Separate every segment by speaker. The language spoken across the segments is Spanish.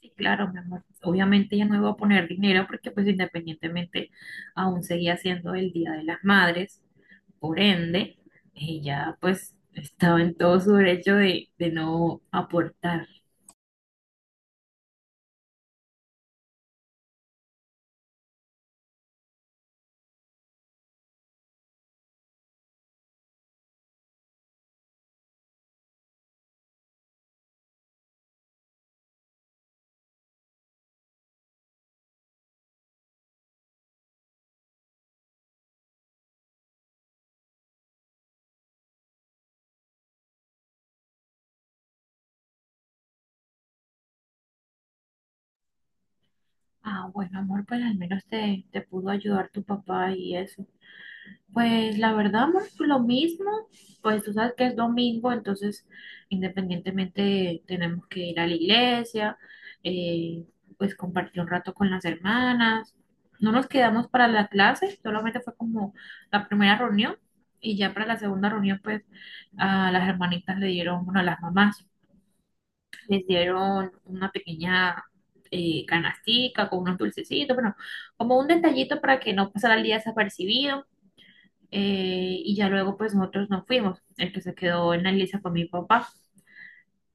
Speaker 1: Sí, claro, mi amor. Obviamente ya no iba a poner dinero porque pues independientemente aún seguía siendo el Día de las Madres, por ende, ella pues estaba en todo su derecho de no aportar. Ah, bueno, amor, pues al menos te pudo ayudar tu papá y eso. Pues la verdad, amor, pues, lo mismo, pues tú sabes que es domingo, entonces independientemente tenemos que ir a la iglesia, eh, pues compartir un rato con las hermanas. No nos quedamos para la clase, solamente fue como la primera reunión y ya para la segunda reunión pues a las hermanitas le dieron, bueno, a las mamás les dieron una pequeña canastica con unos dulcecitos, bueno, como un detallito para que no pasara el día desapercibido. Y ya luego pues nosotros nos fuimos. El que se quedó en la lista fue mi papá.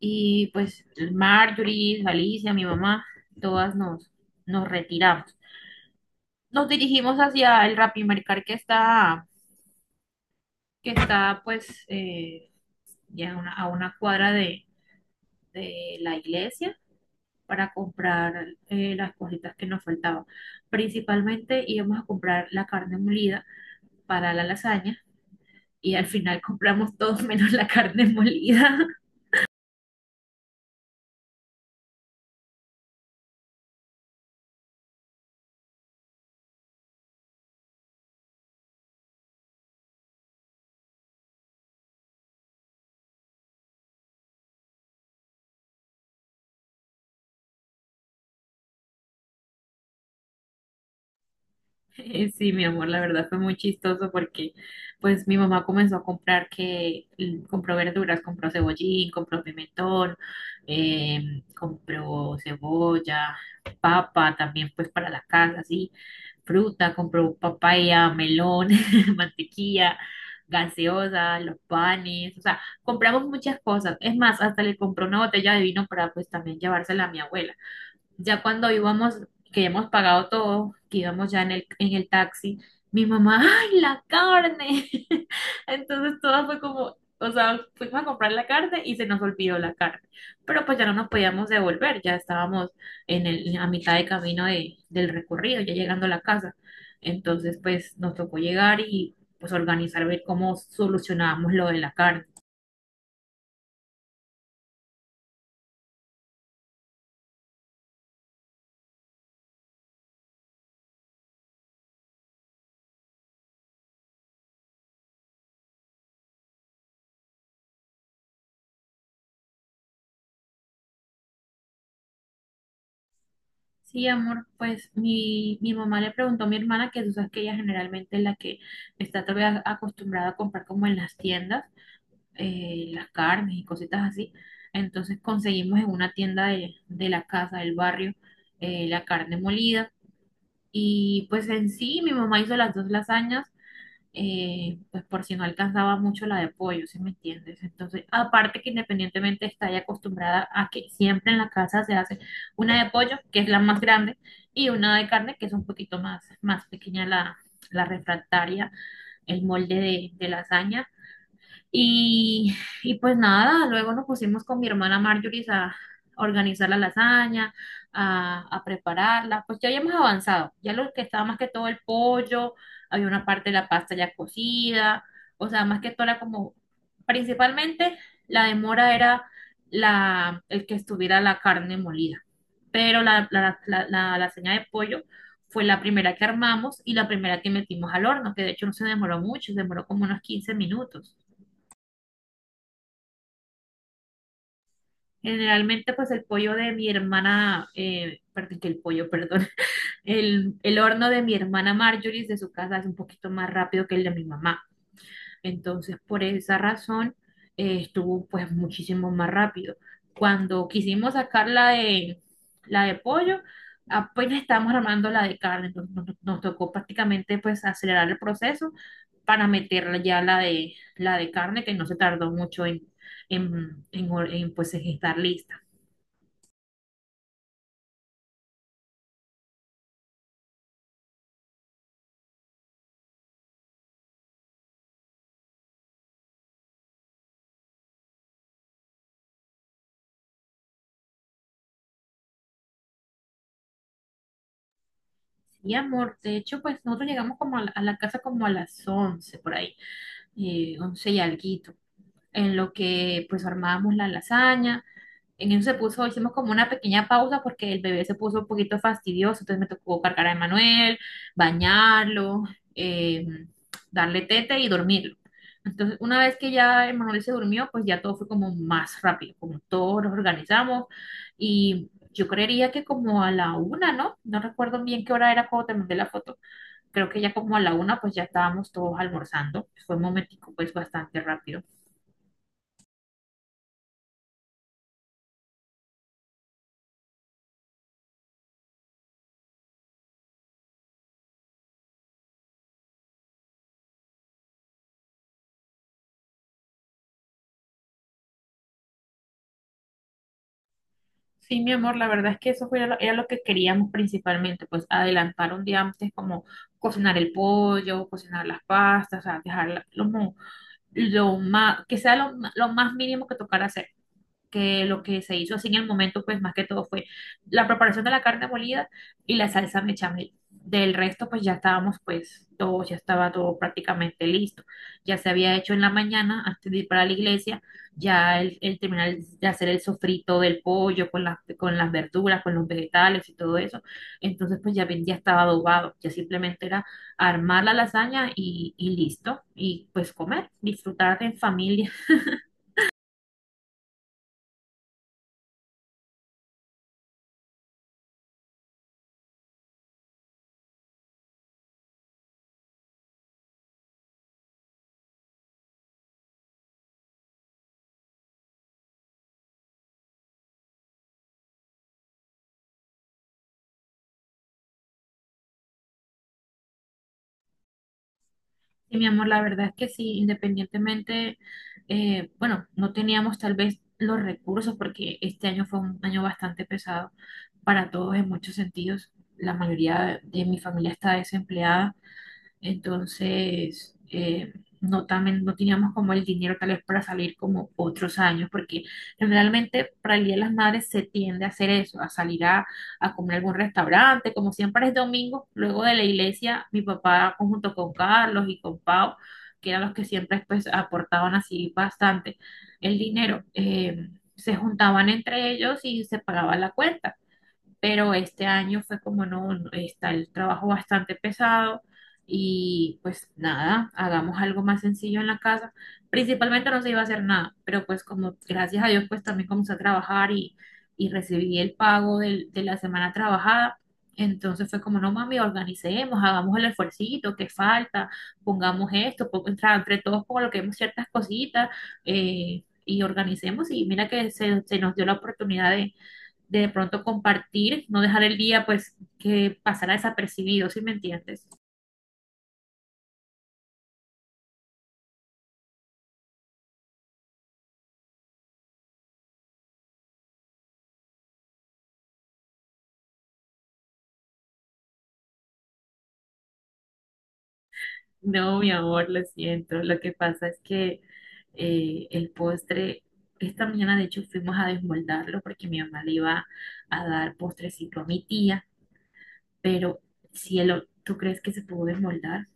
Speaker 1: Y pues Marjorie, Alicia, mi mamá, todas nos, nos retiramos. Nos dirigimos hacia el Rapimericar que está pues ya a una cuadra de la iglesia para comprar las cositas que nos faltaban. Principalmente íbamos a comprar la carne molida para la lasaña y al final compramos todos menos la carne molida. Sí, mi amor, la verdad fue muy chistoso porque pues mi mamá comenzó a comprar que compró verduras, compró cebollín, compró pimentón, compró cebolla, papa también pues para la casa, sí, fruta, compró papaya, melón, mantequilla, gaseosa, los panes, o sea, compramos muchas cosas. Es más, hasta le compró una botella de vino para pues también llevársela a mi abuela. Ya cuando íbamos, que ya hemos pagado todo, que íbamos ya en el taxi, mi mamá, ¡ay, la carne! Entonces todo fue como, o sea, fuimos a comprar la carne y se nos olvidó la carne. Pero pues ya no nos podíamos devolver, ya estábamos en el, a mitad de camino del recorrido, ya llegando a la casa. Entonces pues nos tocó llegar y pues organizar, ver cómo solucionábamos lo de la carne. Sí, amor, pues mi mamá le preguntó a mi hermana que tú sabes que ella generalmente es la que está todavía acostumbrada a comprar como en las tiendas, las carnes y cositas así. Entonces conseguimos en una tienda de la casa, del barrio, la carne molida. Y pues en sí, mi mamá hizo las dos lasañas pues por si no alcanzaba mucho la de pollo, ¿sí me entiendes? Entonces, aparte que independientemente está ya acostumbrada a que siempre en la casa se hace una de pollo, que es la más grande, y una de carne, que es un poquito más pequeña la, la refractaria, el molde de lasaña y, y pues nada, luego nos pusimos con mi hermana Marjorie a organizar la lasaña, a prepararla. Pues ya habíamos avanzado, ya lo que estaba más que todo el pollo, había una parte de la pasta ya cocida, o sea, más que todo era como, principalmente la demora era la, el que estuviera la carne molida, pero la lasaña de pollo fue la primera que armamos y la primera que metimos al horno, que de hecho no se demoró mucho, se demoró como unos 15 minutos. Generalmente, pues el pollo de mi hermana, perdón, que el pollo, perdón, el horno de mi hermana Marjorie de su casa es un poquito más rápido que el de mi mamá. Entonces, por esa razón, estuvo pues muchísimo más rápido. Cuando quisimos sacar la de pollo, apenas estábamos armando la de carne, entonces nos tocó prácticamente pues acelerar el proceso para meterla ya la de carne, que no se tardó mucho pues, en estar lista. Sí, amor, de hecho, pues nosotros llegamos como a la casa como a las 11 por ahí, 11 y alguito, en lo que pues armábamos la lasaña, en eso se puso, hicimos como una pequeña pausa porque el bebé se puso un poquito fastidioso, entonces me tocó cargar a Emanuel, bañarlo, eh, darle tete y dormirlo. Entonces, una vez que ya Emanuel se durmió, pues ya todo fue como más rápido, como todos nos organizamos y... Yo creería que como a la 1, ¿no? No recuerdo bien qué hora era cuando te mandé la foto. Creo que ya como a la 1, pues ya estábamos todos almorzando. Fue un momentico, pues bastante rápido. Sí, mi amor, la verdad es que eso fue era lo que queríamos principalmente, pues adelantar un día antes como cocinar el pollo, cocinar las pastas, o sea, dejar la- lo, mo- lo más, que sea lo, ma- lo más mínimo que tocara hacer. Que lo que se hizo así en el momento, pues más que todo fue la preparación de la carne molida y la salsa bechamel. Del resto, pues ya estábamos, pues todo, ya estaba todo prácticamente listo. Ya se había hecho en la mañana antes de ir para la iglesia, ya el terminar de hacer el sofrito del pollo con con las verduras, con los vegetales y todo eso. Entonces, pues ya, ya estaba adobado, ya simplemente era armar la lasaña y listo, y pues comer, disfrutar en familia. Sí, mi amor, la verdad es que sí, independientemente, bueno, no teníamos tal vez los recursos porque este año fue un año bastante pesado para todos en muchos sentidos. La mayoría de mi familia está desempleada entonces, no, también, no teníamos como el dinero tal vez para salir como otros años, porque generalmente para el Día de las Madres se tiende a hacer eso, a salir a comer a algún restaurante, como siempre es domingo, luego de la iglesia, mi papá junto con Carlos y con Pau, que eran los que siempre pues aportaban así bastante el dinero, se juntaban entre ellos y se pagaba la cuenta. Pero este año fue como no, no, está el trabajo bastante pesado y pues nada, hagamos algo más sencillo en la casa. Principalmente no se iba a hacer nada, pero pues como gracias a Dios pues también comencé a trabajar y recibí el pago de la semana trabajada. Entonces fue como, no mami, organicemos, hagamos el esfuercito que falta, pongamos esto, entre todos coloquemos ciertas cositas y organicemos. Y mira que se nos dio la oportunidad de pronto compartir, no dejar el día pues que pasara desapercibido, ¿sí me entiendes? No, mi amor, lo siento. Lo que pasa es que el postre, esta mañana de hecho fuimos a desmoldarlo porque mi mamá le iba a dar postrecito a mi tía, pero cielo, ¿tú crees que se pudo desmoldar?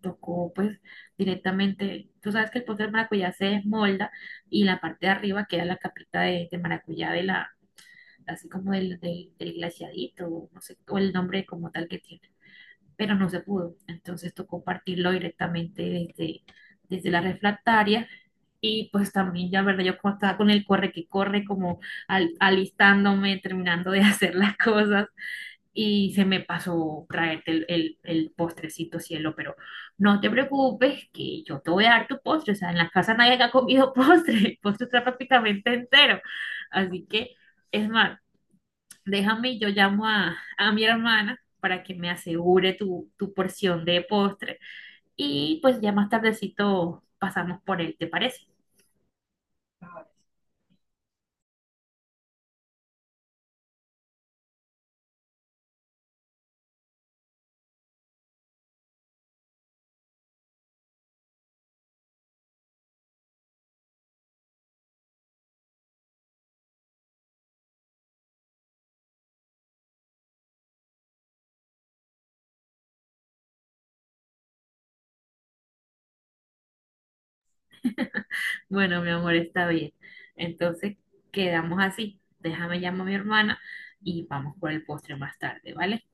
Speaker 1: Tocó pues directamente, tú sabes que el postre de maracuyá se desmolda y la parte de arriba queda la capita de maracuyá de la, así como del glaciadito, o no sé, o el nombre como tal que tiene, pero no se pudo. Entonces tocó partirlo directamente desde, desde la refractaria. Y pues también, ya verdad, yo como estaba con el corre que corre, como alistándome, terminando de hacer las cosas, y se me pasó traerte el postrecito, cielo, pero no te preocupes, que yo te voy a dar tu postre, o sea, en la casa nadie ha comido postre, el postre está prácticamente entero, así que, es más, déjame, yo llamo a mi hermana para que me asegure tu porción de postre. Y pues ya más tardecito pasamos por él, ¿te parece? Bueno, mi amor, está bien. Entonces quedamos así. Déjame llamo a mi hermana y vamos por el postre más tarde, ¿vale?